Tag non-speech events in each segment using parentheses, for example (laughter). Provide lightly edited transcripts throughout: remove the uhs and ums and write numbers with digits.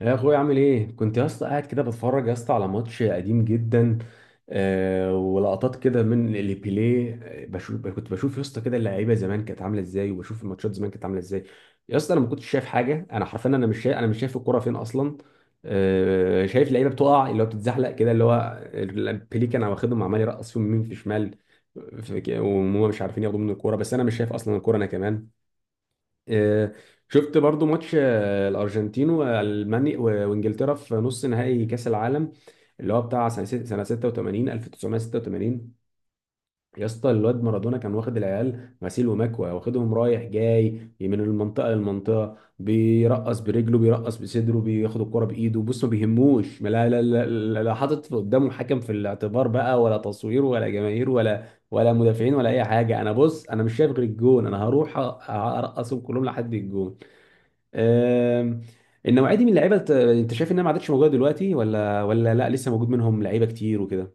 يا اخويا، عامل ايه؟ كنت يا اسطى قاعد كده بتفرج يا اسطى على ماتش قديم جدا. آه، ولقطات كده من اللي بيليه. كنت بشوف يا اسطى كده اللعيبه زمان كانت عامله ازاي، وبشوف الماتشات زمان كانت عامله ازاي. يا اسطى، انا ما كنتش شايف حاجه. انا حرفيا، انا مش شايف الكوره فين اصلا. آه، شايف لعيبه بتقع، اللي هو بتتزحلق كده، اللي هو بيليه كان واخدهم، عمال يرقص فيهم يمين في شمال. وهم مش عارفين ياخدوا منه الكوره، بس انا مش شايف اصلا الكوره انا كمان. آه. شفت برضو ماتش، الارجنتين والمانيا وانجلترا في نص نهائي كاس العالم، اللي هو بتاع سنة 86 1986. يا اسطى، الواد مارادونا كان واخد العيال غسيل ومكوى، واخدهم رايح جاي من المنطقه للمنطقه، بيرقص برجله، بيرقص بصدره، بياخد الكره بايده. بص، ما بيهموش، ما لا لا لا، لا لا، حاطط قدامه حكم في الاعتبار بقى، ولا تصوير، ولا جماهير، ولا ولا مدافعين، ولا اي حاجه. انا بص، انا مش شايف غير الجون. انا هروح ارقصهم كلهم لحد الجون. آم، النوعيه دي من اللعيبه، انت شايف انها ما عادتش موجوده دلوقتي؟ ولا لا، لسه موجود منهم لعيبه كتير وكده؟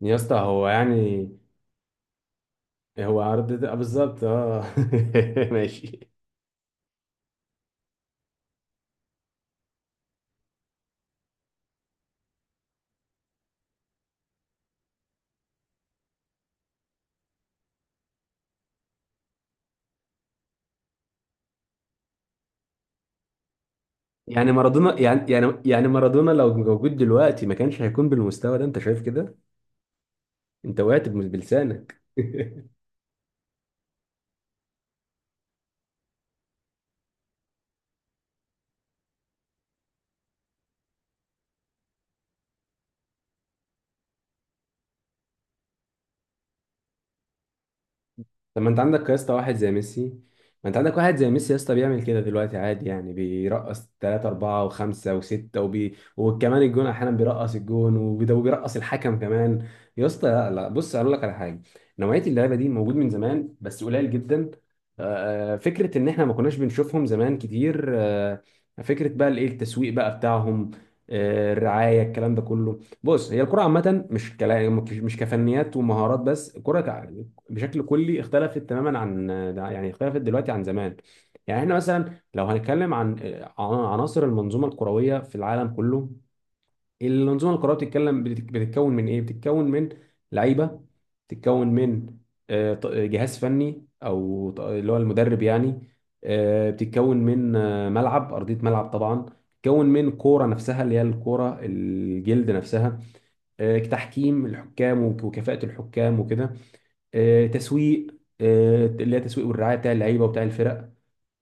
يا اسطى، هو يعني هو عرض ده، بالظبط اه. (laughs) ماشي. يعني مارادونا، مارادونا لو موجود دلوقتي ما كانش هيكون بالمستوى ده. انت شايف كده؟ انت وقعت بلسانك. (laughs) طب، ما انت عندك يا اسطى واحد زي ميسي، ما انت عندك واحد زي ميسي يا اسطى بيعمل كده دلوقتي عادي، يعني بيرقص ثلاثة أربعة وخمسة وستة وكمان الجون، أحيانا بيرقص الجون وبيرقص الحكم كمان. يا اسطى، لا لا، بص أقول لك على حاجة. نوعية اللعيبة دي موجود من زمان، بس قليل جدا. فكرة إن إحنا ما كناش بنشوفهم زمان كتير، فكرة بقى الإيه، التسويق بقى بتاعهم، الرعاية، الكلام ده كله. بص، هي الكرة عامة مش مش كفنيات ومهارات بس. الكرة بشكل كلي اختلفت تماما عن، يعني اختلفت دلوقتي عن زمان. يعني احنا مثلا لو هنتكلم عن عناصر المنظومه الكرويه في العالم كله، المنظومه الكرويه بتتكلم بتتكون من ايه؟ بتتكون من لعيبه، بتتكون من جهاز فني او اللي هو المدرب يعني، بتتكون من ملعب، ارضيه ملعب طبعا، بتتكون من كوره نفسها اللي هي الكوره الجلد نفسها، تحكيم الحكام وكفاءه الحكام وكده، تسويق، اللي هي تسويق والرعايه بتاع اللعيبه وبتاع الفرق،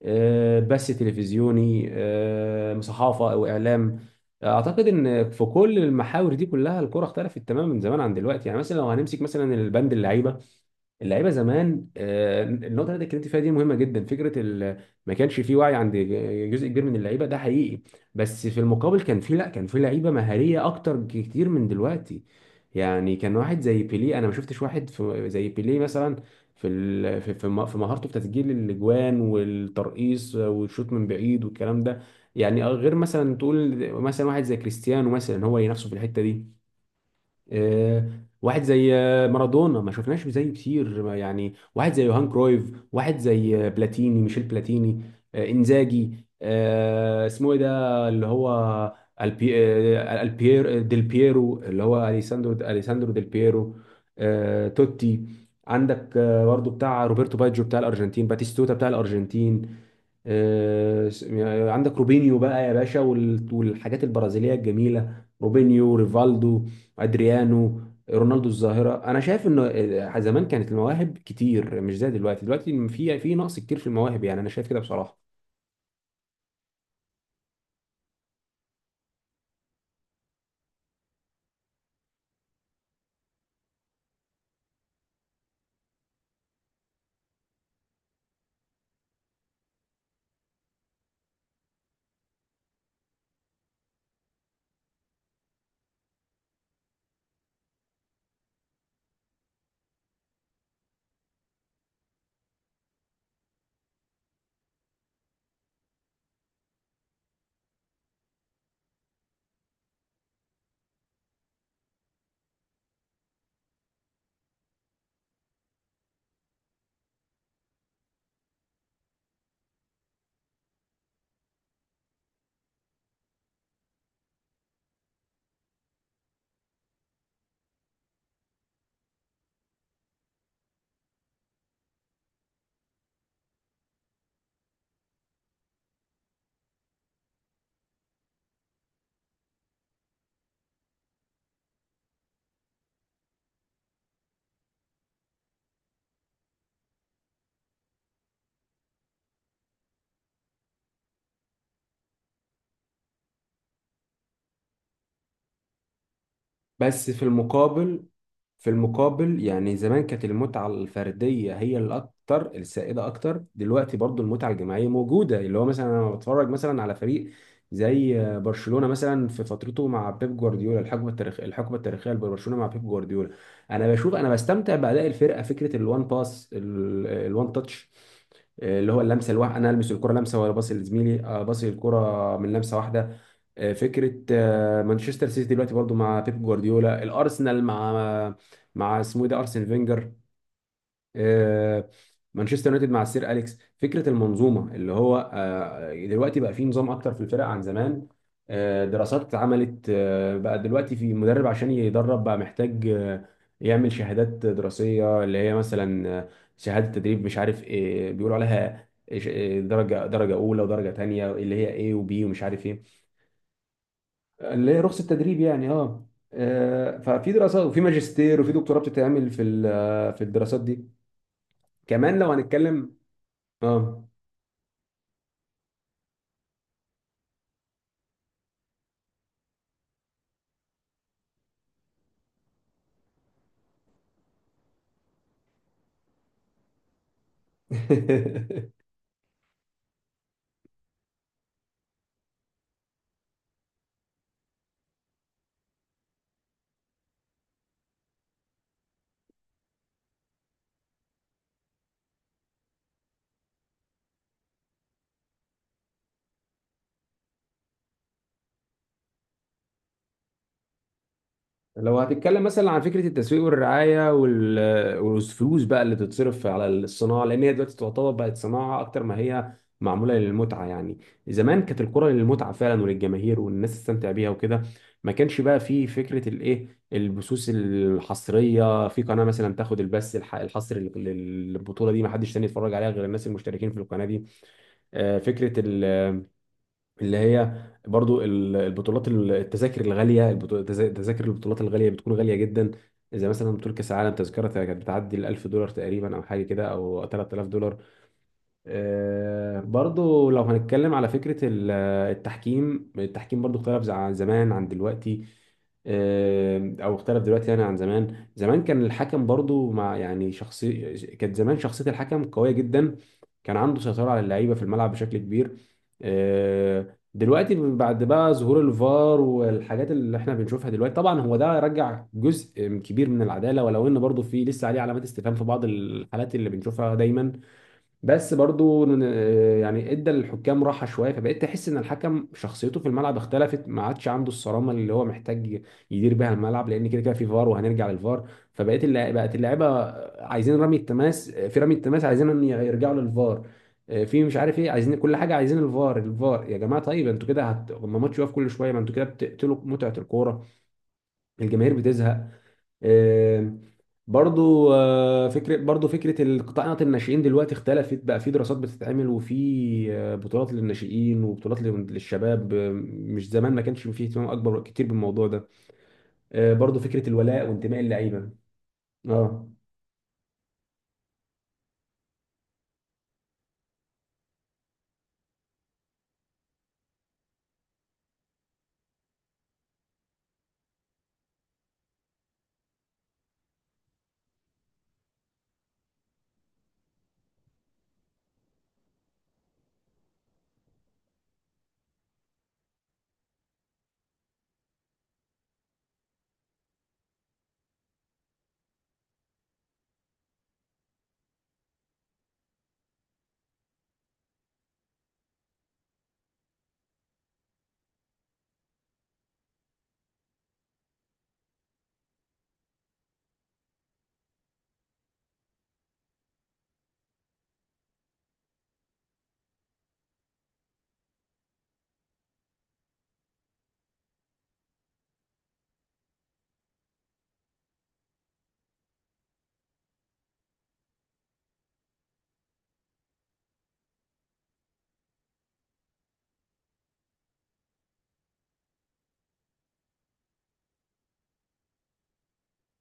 بث تلفزيوني، صحافه او اعلام. اعتقد ان في كل المحاور دي كلها الكره اختلفت تماما من زمان عن دلوقتي. يعني مثلا لو هنمسك مثلا البند اللعيبه، اللعيبه زمان، النقطه اللي انت اتكلمت فيها دي مهمه جدا. فكره ما كانش في وعي عند جزء كبير من اللعيبه، ده حقيقي. بس في المقابل، كان في، لا، كان في لعيبه مهاريه اكتر بكتير من دلوقتي. يعني كان واحد زي بيليه، انا ما شفتش واحد زي بيليه مثلا، في مهارته في تسجيل الاجوان والترقيص والشوط من بعيد والكلام ده. يعني غير مثلا تقول مثلا واحد زي كريستيانو مثلا، هو اللي نفسه في الحته دي. آه، واحد زي مارادونا، ما شفناش زيه كتير. ما يعني واحد زي يوهان كرويف، واحد زي بلاتيني، ميشيل بلاتيني، انزاجي، اسمه ايه ده اللي هو البي، البيير ديل بييرو، اللي هو اليساندرو ديل بييرو، توتي. عندك برضو بتاع روبرتو باجيو، بتاع الارجنتين باتيستوتا بتاع الارجنتين، يعني عندك روبينيو بقى يا باشا، والحاجات البرازيليه الجميله، روبينيو، ريفالدو، ادريانو، رونالدو الظاهره. انا شايف ان زمان كانت المواهب كتير، مش زي دلوقتي. دلوقتي في نقص كتير في المواهب، يعني انا شايف كده بصراحه. بس في المقابل، يعني زمان كانت المتعة الفردية هي الأكتر السائدة. أكتر دلوقتي برضو المتعة الجماعية موجودة، اللي هو مثلا أنا بتفرج مثلا على فريق زي برشلونة مثلا في فترته مع بيب جوارديولا، الحقبة التاريخية لبرشلونة مع بيب جوارديولا. أنا بستمتع بأداء الفرقة، فكرة الوان باس، الوان تاتش، اللي هو اللمسة الواحدة، أنا ألمس الكرة لمسة ولا باصي لزميلي، باصي الكرة من لمسة واحدة. فكره مانشستر سيتي دلوقتي برضو مع بيب جوارديولا، الارسنال مع اسمه إيه ده، ارسن فينجر، آه، مانشستر يونايتد مع السير اليكس. فكره المنظومه، اللي هو دلوقتي بقى في نظام اكتر في الفرق عن زمان. دراسات اتعملت، بقى دلوقتي في مدرب عشان يدرب، بقى محتاج يعمل شهادات دراسيه، اللي هي مثلا شهاده تدريب، مش عارف ايه بيقولوا عليها، إيه، درجه اولى ودرجه تانيه، اللي هي ايه وبي ومش عارف ايه، اللي هي رخصة تدريب يعني اه. ففي دراسات وفي ماجستير وفي دكتوراه بتتعمل في في الدراسات دي. كمان لو هنتكلم اه. (laughs) لو هتتكلم مثلا عن فكره التسويق والرعايه والفلوس بقى اللي تتصرف على الصناعه، لان هي دلوقتي تعتبر بقت صناعه اكتر ما هي معموله للمتعه يعني. زمان كانت الكره للمتعه فعلا، وللجماهير والناس تستمتع بيها وكده. ما كانش بقى في فكره الايه، البثوث الحصريه، في قناه مثلا تاخد البث الحصري للبطوله دي، ما حدش تاني يتفرج عليها غير الناس المشتركين في القناه دي. فكره اللي هي برضو البطولات، التذاكر الغاليه، تذاكر البطولات الغاليه بتكون غاليه جدا. زي مثلا بطوله كاس العالم، تذكره كانت بتعدي ال 1,000 دولار تقريبا، او حاجه كده، او 3,000 دولار. برضو لو هنتكلم على فكرة التحكيم. التحكيم برضو اختلف عن زمان عن دلوقتي، او اختلف دلوقتي يعني عن زمان. زمان كان الحكم برضو مع يعني شخصي، كانت زمان شخصية الحكم قوية جدا، كان عنده سيطرة على اللعيبة في الملعب بشكل كبير. دلوقتي بعد بقى ظهور الفار والحاجات اللي احنا بنشوفها دلوقتي، طبعا هو ده رجع جزء كبير من العدالة، ولو ان برضو في لسه عليه علامات استفهام في بعض الحالات اللي بنشوفها دايما. بس برضو يعني ادى للحكام راحه شويه، فبقيت تحس ان الحكم شخصيته في الملعب اختلفت، ما عادش عنده الصرامه اللي هو محتاج يدير بيها الملعب، لان كده كده في فار، وهنرجع للفار. بقت اللعيبه عايزين رمي التماس، في رمي التماس عايزين ان يرجعوا للفار، في مش عارف ايه، عايزين كل حاجه، عايزين الفار، الفار يا جماعه! طيب انتوا كده ما ماتش يقف كل شويه، ما انتوا كده بتقتلوا متعه الكوره، الجماهير بتزهق. آه، برضو فكرة القطاع الناشئين دلوقتي اختلفت، بقى في دراسات بتتعمل، وفي بطولات للناشئين وبطولات للشباب. مش زمان، ما كانش فيه اهتمام أكبر كتير بالموضوع ده. برضو فكرة الولاء وانتماء اللعيبة اه.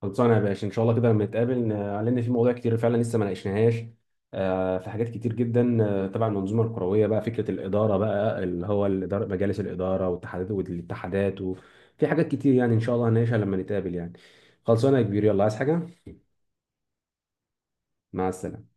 خلصانه يا باشا، ان شاء الله كده لما نتقابل لان في مواضيع كتير فعلا لسه ما ناقشناهاش، في حاجات كتير جدا، تبع المنظومه الكرويه، بقى فكره الاداره، بقى اللي هو الاداره، مجالس الاداره والاتحادات، وفي حاجات كتير، يعني ان شاء الله هنناقشها لما نتقابل يعني. خلصانه يا كبير، يلا، عايز حاجه؟ مع السلامه.